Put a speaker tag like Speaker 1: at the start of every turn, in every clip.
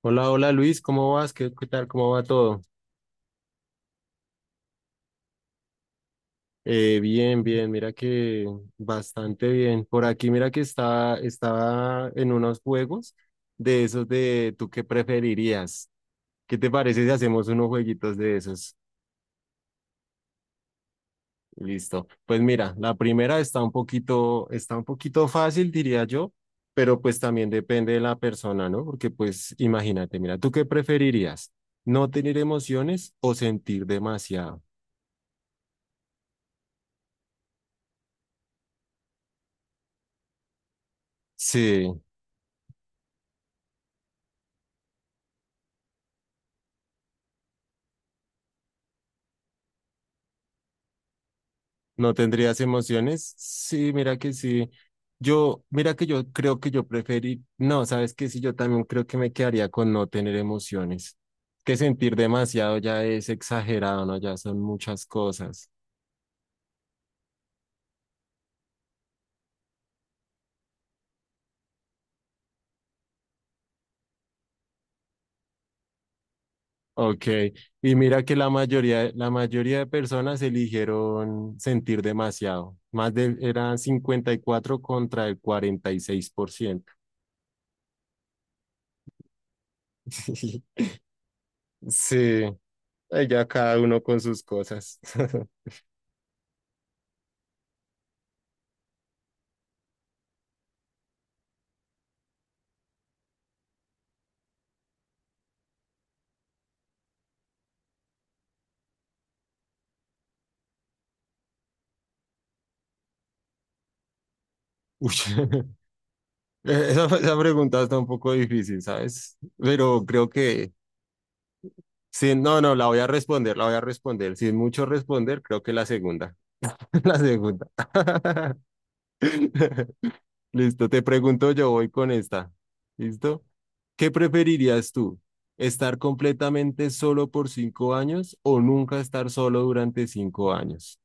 Speaker 1: Hola, hola Luis, ¿cómo vas? ¿Qué tal? ¿Cómo va todo? Bien, bien, mira que bastante bien. Por aquí, mira que estaba en unos juegos de esos de ¿tú qué preferirías? ¿Qué te parece si hacemos unos jueguitos de esos? Listo. Pues mira, la primera está un poquito fácil, diría yo, pero pues también depende de la persona, ¿no? Porque pues imagínate, mira, ¿tú qué preferirías? ¿No tener emociones o sentir demasiado? Sí. ¿No tendrías emociones? Sí, mira que sí. Yo, mira que yo creo que yo preferí, no, sabes que sí, yo también creo que me quedaría con no tener emociones. Que sentir demasiado ya es exagerado, ¿no? Ya son muchas cosas. Ok, y mira que la mayoría de personas eligieron sentir demasiado. Más de, eran 54 contra el 46%. Sí, ahí ya cada uno con sus cosas. Uy. Esa pregunta está un poco difícil, ¿sabes? Pero creo que, sí, no, no, la voy a responder, la voy a responder. Sin mucho responder, creo que la segunda. La segunda. Listo, te pregunto yo, voy con esta. ¿Listo? ¿Qué preferirías tú? ¿Estar completamente solo por 5 años o nunca estar solo durante 5 años?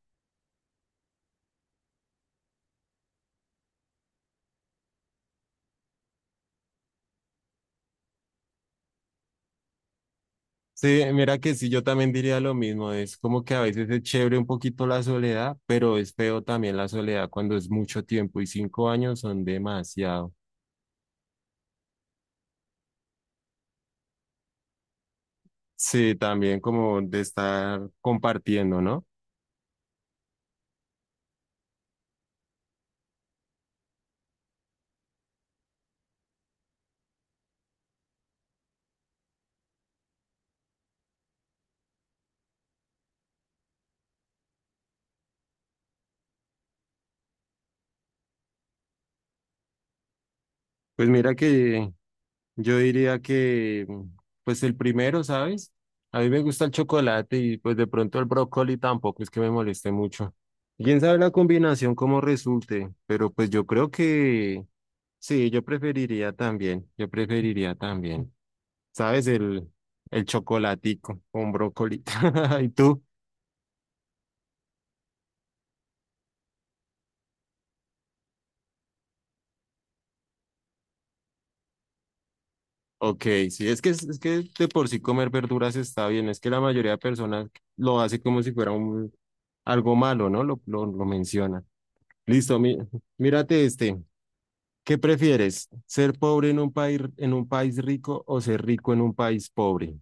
Speaker 1: Sí, mira que sí, yo también diría lo mismo. Es como que a veces es chévere un poquito la soledad, pero es feo también la soledad cuando es mucho tiempo y 5 años son demasiado. Sí, también como de estar compartiendo, ¿no? Pues mira que yo diría que, pues el primero, ¿sabes? A mí me gusta el chocolate y pues de pronto el brócoli tampoco es que me moleste mucho. ¿Quién sabe la combinación cómo resulte? Pero pues yo creo que sí, yo preferiría también, ¿sabes? El chocolatico con brócoli. ¿Y tú? Ok, sí, es que de por sí comer verduras está bien, es que la mayoría de personas lo hace como si fuera un, algo malo, ¿no? Lo menciona. Listo, mírate este. ¿Qué prefieres? ¿Ser pobre en un país rico o ser rico en un país pobre?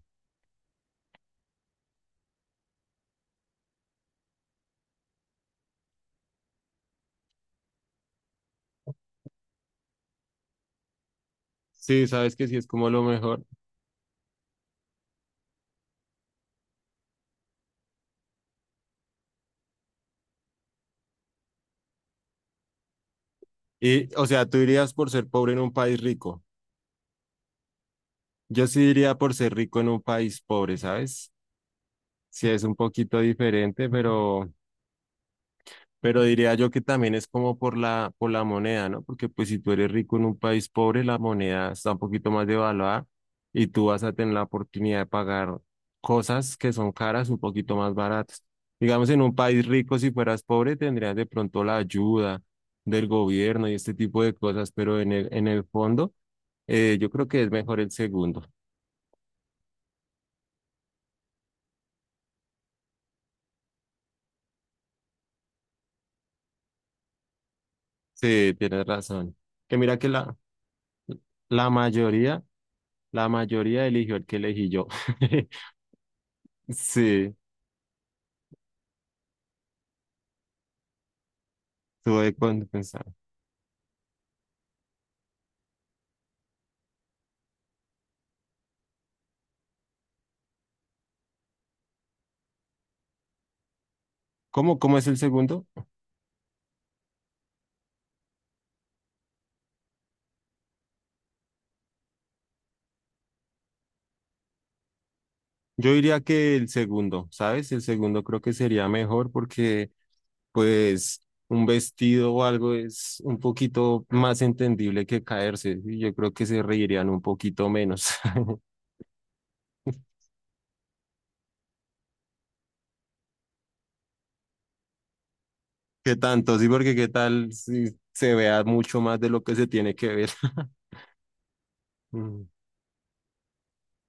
Speaker 1: Sí, sabes que sí es como lo mejor. Y, o sea, tú irías por ser pobre en un país rico. Yo sí iría por ser rico en un país pobre, ¿sabes? Sí, es un poquito diferente, pero diría yo que también es como por la moneda, ¿no? Porque pues si tú eres rico en un país pobre, la moneda está un poquito más devaluada y tú vas a tener la oportunidad de pagar cosas que son caras un poquito más baratas. Digamos, en un país rico, si fueras pobre, tendrías de pronto la ayuda del gobierno y este tipo de cosas, pero en el fondo, yo creo que es mejor el segundo. Sí, tienes razón. Que mira que la mayoría, la mayoría eligió el que elegí yo. Sí. Tuve cuando pensar. ¿Cómo es el segundo? Yo diría que el segundo, ¿sabes? El segundo creo que sería mejor porque, pues, un vestido o algo es un poquito más entendible que caerse. Y yo creo que se reirían un poquito menos. ¿Qué tanto? Sí, porque qué tal si se vea mucho más de lo que se tiene que ver. Mm.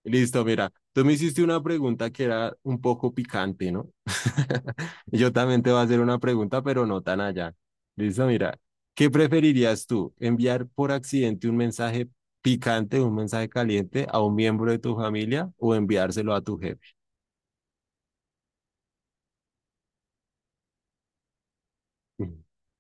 Speaker 1: Listo, mira, tú me hiciste una pregunta que era un poco picante, ¿no? Yo también te voy a hacer una pregunta, pero no tan allá. Listo, mira, ¿qué preferirías tú? ¿Enviar por accidente un mensaje picante, un mensaje caliente a un miembro de tu familia o enviárselo a tu jefe?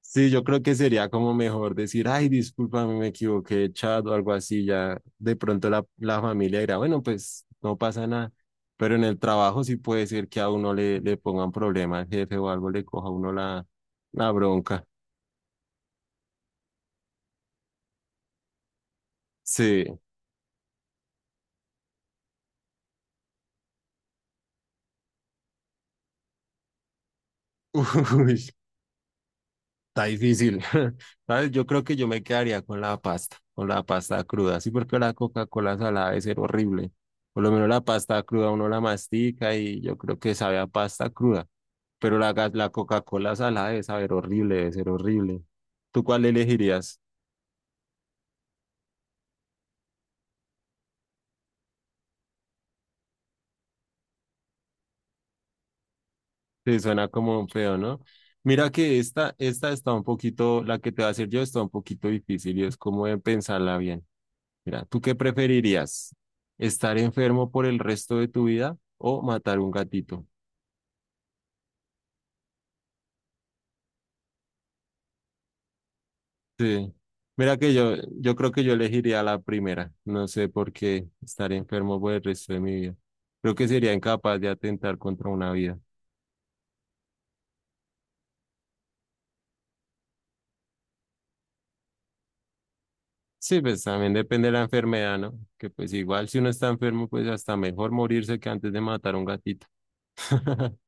Speaker 1: Sí, yo creo que sería como mejor decir, ay, discúlpame, me equivoqué, chat o algo así. Ya de pronto la familia dirá, bueno, pues no pasa nada. Pero en el trabajo sí puede ser que a uno le, le pongan problema al jefe o algo, le coja a uno la bronca. Sí. Uy. Está difícil. ¿Sabes? Yo creo que yo me quedaría con la pasta cruda. Sí, porque la Coca-Cola salada debe ser horrible. Por lo menos la pasta cruda uno la mastica y yo creo que sabe a pasta cruda. Pero la, ga- la Coca-Cola salada debe saber horrible, debe ser horrible. ¿Tú cuál elegirías? Sí, suena como un feo, ¿no? Mira que esta está un poquito, la que te va a hacer yo está un poquito difícil y es como de pensarla bien. Mira, ¿tú qué preferirías? ¿Estar enfermo por el resto de tu vida o matar un gatito? Sí. Mira que yo creo que yo elegiría la primera. No sé por qué estar enfermo por el resto de mi vida. Creo que sería incapaz de atentar contra una vida. Sí, pues también depende de la enfermedad, ¿no? Que pues igual si uno está enfermo, pues hasta mejor morirse que antes de matar a un gatito.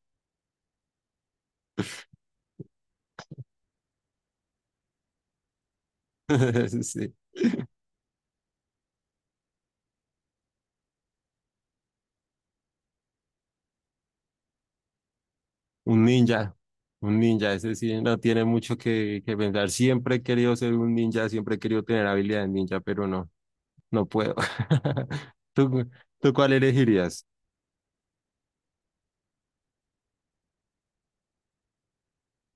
Speaker 1: Sí. Un ninja, un ninja, ese sí no tiene mucho que pensar. Siempre he querido ser un ninja, siempre he querido tener habilidad de ninja, pero no, no puedo. ¿Tú, tú cuál elegirías?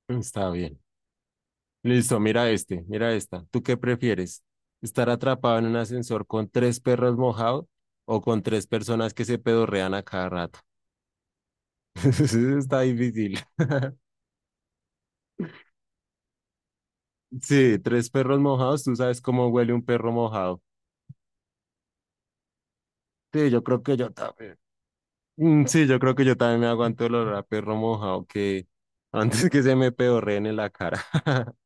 Speaker 1: Está bien. Listo, mira este, mira esta. ¿Tú qué prefieres? ¿Estar atrapado en un ascensor con tres perros mojados o con tres personas que se pedorrean a cada rato? Eso está difícil. Sí, tres perros mojados, tú sabes cómo huele un perro mojado. Sí, yo creo que yo también. Mm, sí, yo creo que yo también me aguanto el olor a perro mojado que antes que se me pedorreen en la cara.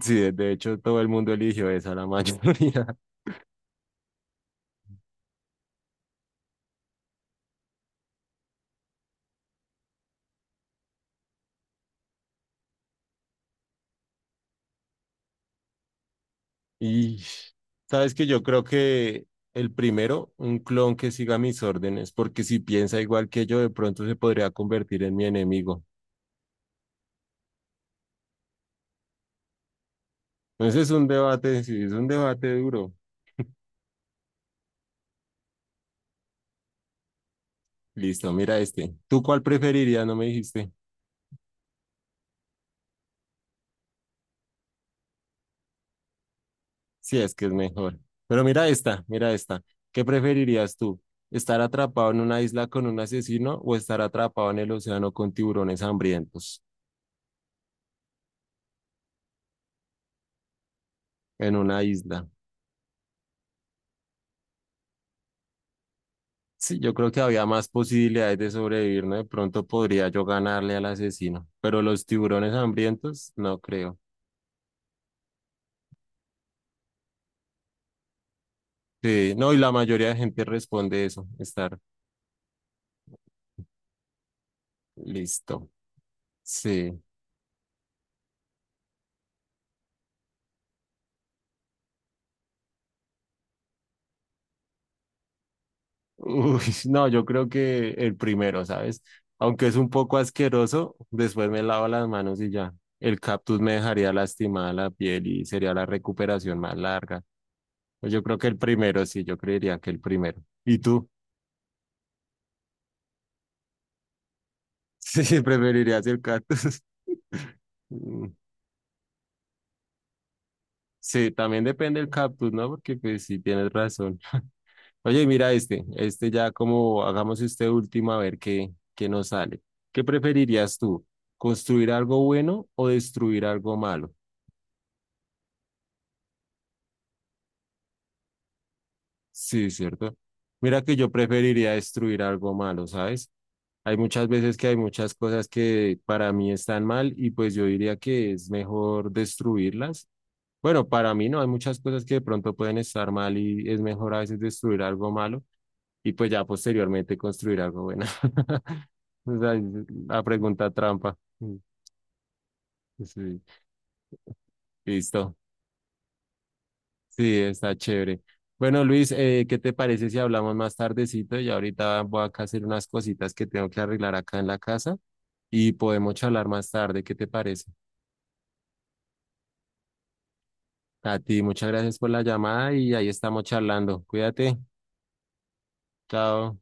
Speaker 1: Sí, de hecho todo el mundo eligió esa, la mayoría. Y sabes que yo creo que el primero, un clon que siga mis órdenes, porque si piensa igual que yo, de pronto se podría convertir en mi enemigo. Entonces es un debate, sí, es un debate duro. Listo, mira este. ¿Tú cuál preferirías? No me dijiste. Sí, es que es mejor. Pero mira esta, mira esta. ¿Qué preferirías tú? ¿Estar atrapado en una isla con un asesino o estar atrapado en el océano con tiburones hambrientos en una isla? Sí, yo creo que había más posibilidades de sobrevivir, ¿no? De pronto podría yo ganarle al asesino, pero los tiburones hambrientos, no creo. Sí, no, y la mayoría de gente responde eso, estar listo. Sí. Uy, no, yo creo que el primero, ¿sabes? Aunque es un poco asqueroso, después me lavo las manos y ya. El cactus me dejaría lastimada la piel y sería la recuperación más larga. Pues yo creo que el primero, sí, yo creería que el primero. ¿Y tú? Sí, preferirías el cactus. Mm, sí, también depende del cactus, ¿no? Porque pues sí, tienes razón. Oye, mira este, este ya como hagamos este último a ver qué nos sale. ¿Qué preferirías tú? ¿Construir algo bueno o destruir algo malo? Sí, cierto. Mira que yo preferiría destruir algo malo, ¿sabes? Hay muchas veces que hay muchas cosas que para mí están mal y pues yo diría que es mejor destruirlas. Bueno, para mí no, hay muchas cosas que de pronto pueden estar mal y es mejor a veces destruir algo malo y pues ya posteriormente construir algo bueno. O sea, la pregunta trampa. Mm, sí, listo. Sí, está chévere. Bueno, Luis, ¿qué te parece si hablamos más tardecito? Y ahorita voy acá a hacer unas cositas que tengo que arreglar acá en la casa y podemos charlar más tarde. ¿Qué te parece? A ti, muchas gracias por la llamada y ahí estamos charlando. Cuídate. Chao.